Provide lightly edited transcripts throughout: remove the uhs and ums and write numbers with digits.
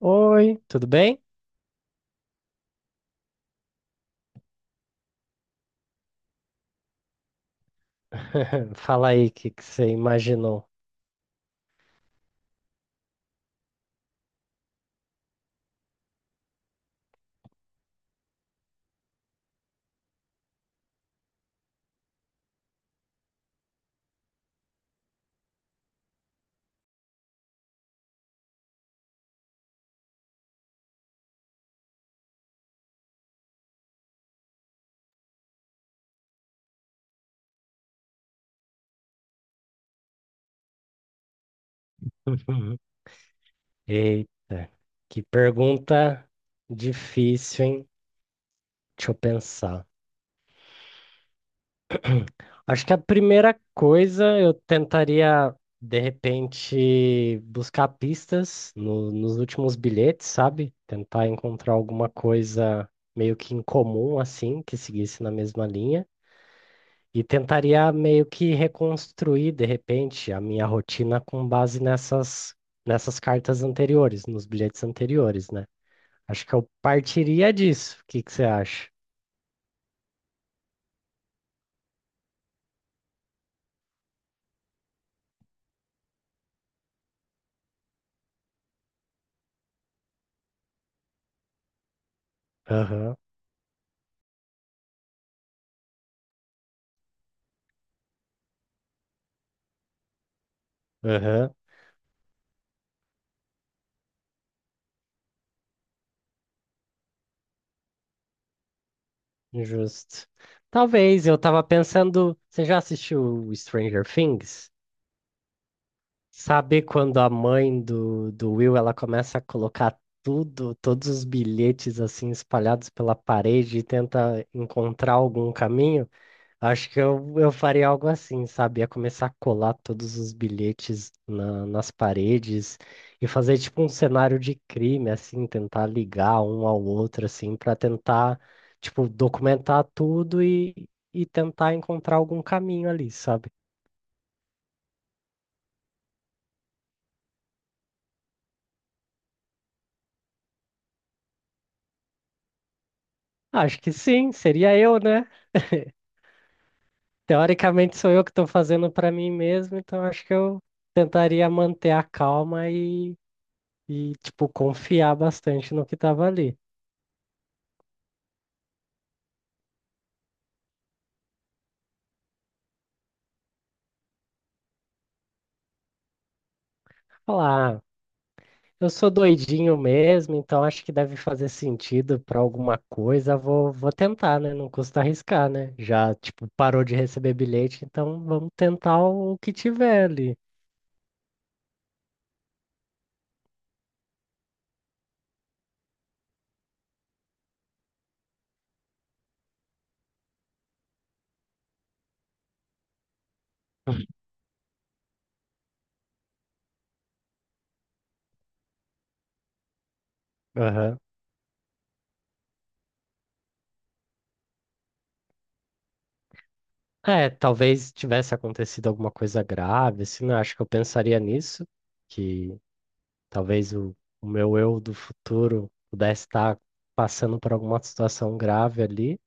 Oi, tudo bem? Fala aí o que que você imaginou. Eita, que pergunta difícil, hein? Deixa eu pensar. Acho que a primeira coisa eu tentaria, de repente, buscar pistas nos últimos bilhetes, sabe? Tentar encontrar alguma coisa meio que incomum, assim, que seguisse na mesma linha. E tentaria meio que reconstruir, de repente, a minha rotina com base nessas cartas anteriores, nos bilhetes anteriores, né? Acho que eu partiria disso. O que que você acha? Aham, aham, justo. Talvez, eu tava pensando. Você já assistiu Stranger Things? Sabe quando a mãe do Will ela começa a colocar tudo, todos os bilhetes assim espalhados pela parede e tenta encontrar algum caminho? Acho que eu faria algo assim, sabe? Ia começar a colar todos os bilhetes nas paredes e fazer tipo um cenário de crime, assim, tentar ligar um ao outro, assim, para tentar, tipo, documentar tudo e tentar encontrar algum caminho ali, sabe? Acho que sim, seria eu, né? Teoricamente sou eu que estou fazendo para mim mesmo, então acho que eu tentaria manter a calma e tipo, confiar bastante no que estava ali. Falar. "Ah, eu sou doidinho mesmo, então acho que deve fazer sentido para alguma coisa. Vou tentar, né? Não custa arriscar, né? Já, tipo, parou de receber bilhete, então vamos tentar o que tiver ali. Aham. É, talvez tivesse acontecido alguma coisa grave, assim, né? Acho que eu pensaria nisso, que talvez o meu eu do futuro pudesse estar passando por alguma situação grave ali.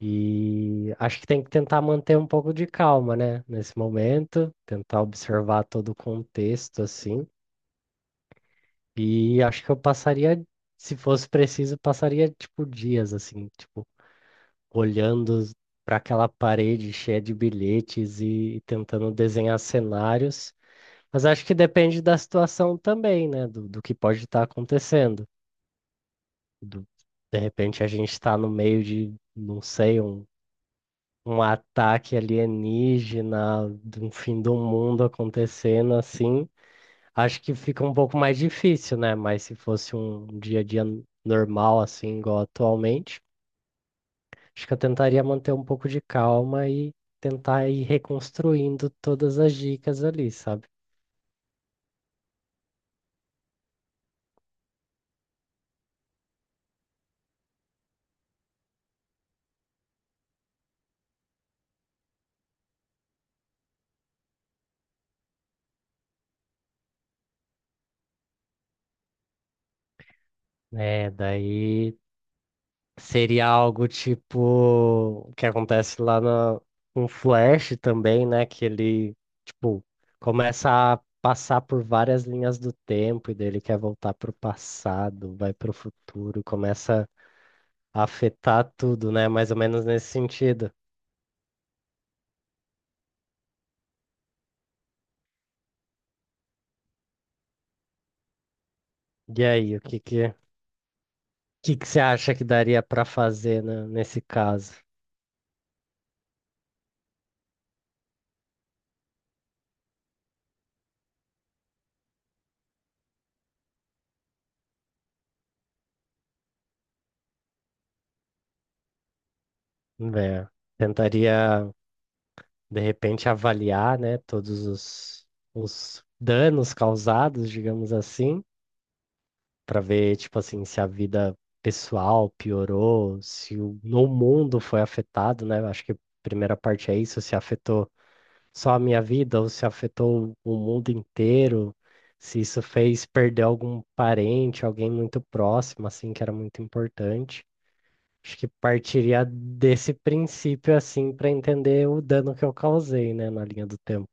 E acho que tem que tentar manter um pouco de calma, né? Nesse momento, tentar observar todo o contexto, assim. E acho que eu passaria, se fosse preciso, passaria, tipo, dias, assim, tipo, olhando para aquela parede cheia de bilhetes e tentando desenhar cenários. Mas acho que depende da situação também, né? Do que pode estar acontecendo. Do- de repente a gente está no meio de, não sei, um ataque alienígena, de um fim do mundo acontecendo assim, acho que fica um pouco mais difícil, né? Mas se fosse um dia a dia normal, assim, igual atualmente, acho que eu tentaria manter um pouco de calma e tentar ir reconstruindo todas as dicas ali, sabe? É, daí. Seria algo tipo o que acontece lá na, com o Flash também, né? Que ele, tipo, começa a passar por várias linhas do tempo e daí ele quer voltar pro passado, vai pro futuro, começa a afetar tudo, né? Mais ou menos nesse sentido. E aí, o que que você acha que daria pra fazer, né, nesse caso? Né, tentaria, de repente, avaliar, né, os danos causados, digamos assim. Pra ver, tipo assim, se a vida pessoal piorou, se o no mundo foi afetado, né? Eu acho que a primeira parte é isso, se afetou só a minha vida ou se afetou o mundo inteiro, se isso fez perder algum parente, alguém muito próximo, assim, que era muito importante. Acho que partiria desse princípio, assim, pra entender o dano que eu causei, né, na linha do tempo.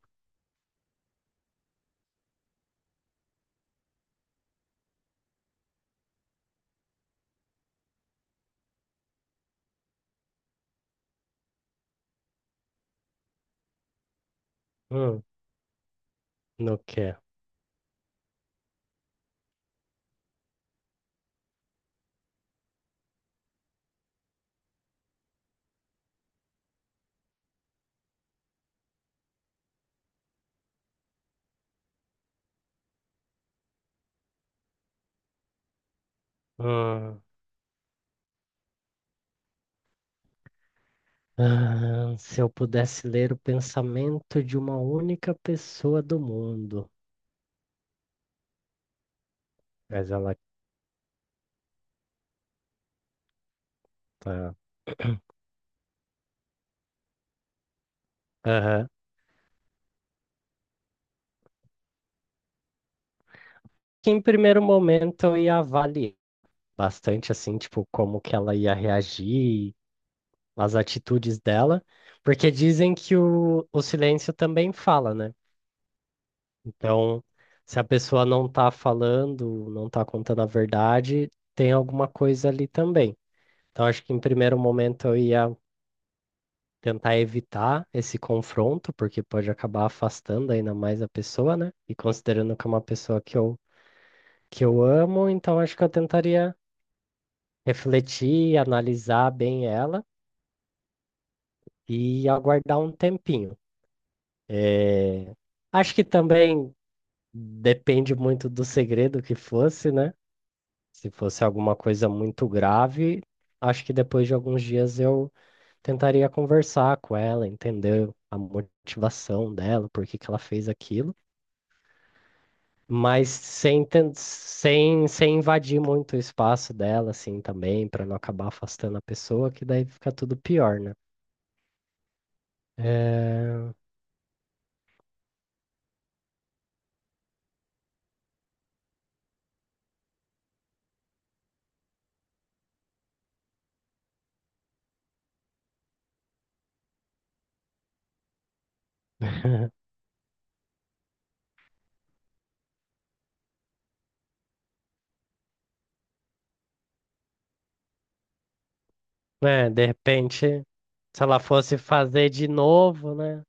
Hum, no quê? Hum. Ah, se eu pudesse ler o pensamento de uma única pessoa do mundo, mas ela tá. Aham. Que em primeiro momento eu ia avaliar bastante assim, tipo, como que ela ia reagir, as atitudes dela, porque dizem que o silêncio também fala, né? Então, se a pessoa não tá falando, não tá contando a verdade, tem alguma coisa ali também. Então, acho que em primeiro momento eu ia tentar evitar esse confronto, porque pode acabar afastando ainda mais a pessoa, né? E considerando que é uma pessoa que eu amo, então acho que eu tentaria refletir, analisar bem ela e aguardar um tempinho. Eh, Acho que também depende muito do segredo que fosse, né? Se fosse alguma coisa muito grave, acho que depois de alguns dias eu tentaria conversar com ela, entender a motivação dela, por que que ela fez aquilo. Mas sem, tan- sem, sem invadir muito o espaço dela, assim, também, para não acabar afastando a pessoa, que daí fica tudo pior, né? É... É, de repente, se ela fosse fazer de novo, né?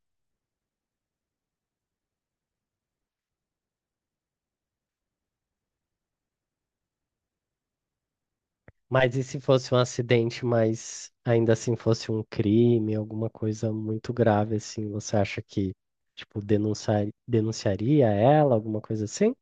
Mas e se fosse um acidente, mas ainda assim fosse um crime, alguma coisa muito grave, assim, você acha que, tipo, denunciaria ela, alguma coisa assim?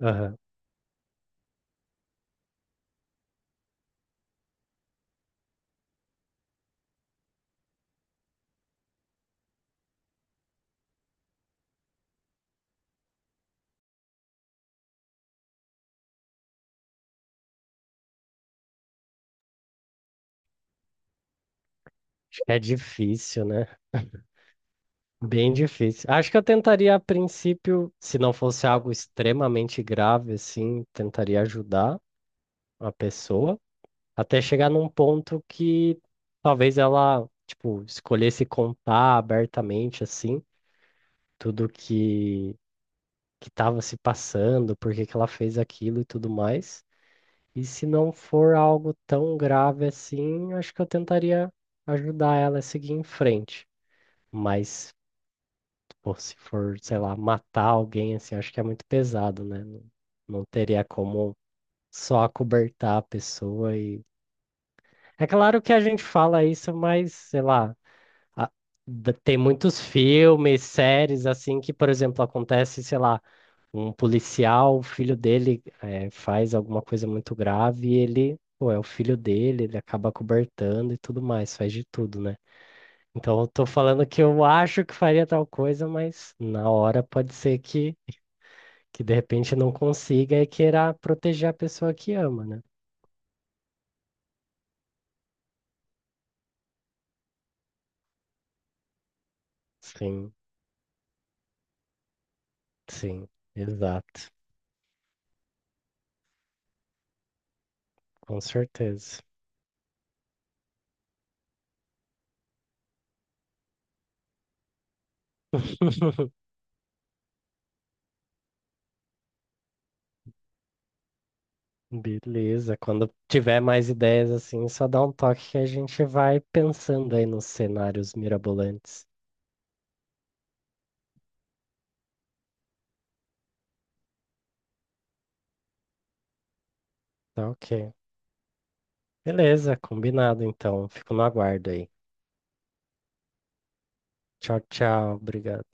Aham. Acho que é difícil, né? Bem difícil. Acho que eu tentaria, a princípio, se não fosse algo extremamente grave, assim, tentaria ajudar a pessoa até chegar num ponto que talvez ela, tipo, escolhesse contar abertamente, assim, tudo que estava se passando, por que que ela fez aquilo e tudo mais. E se não for algo tão grave assim, acho que eu tentaria ajudar ela a seguir em frente. Mas pô, se for, sei lá, matar alguém, assim, acho que é muito pesado, né? Não, não teria como só acobertar a pessoa e... É claro que a gente fala isso, mas, sei lá, a- tem muitos filmes, séries, assim, que, por exemplo, acontece, sei lá, um policial, o filho dele faz alguma coisa muito grave e ele, pô, é o filho dele, ele acaba acobertando e tudo mais, faz de tudo, né? Então, eu tô falando que eu acho que faria tal coisa, mas na hora pode ser que de repente não consiga e queira proteger a pessoa que ama, né? Sim, sim, exato, com certeza. Beleza, quando tiver mais ideias assim, só dá um toque que a gente vai pensando aí nos cenários mirabolantes. Tá ok. Beleza, combinado então. Fico no aguardo aí. Tchau, tchau. Obrigado.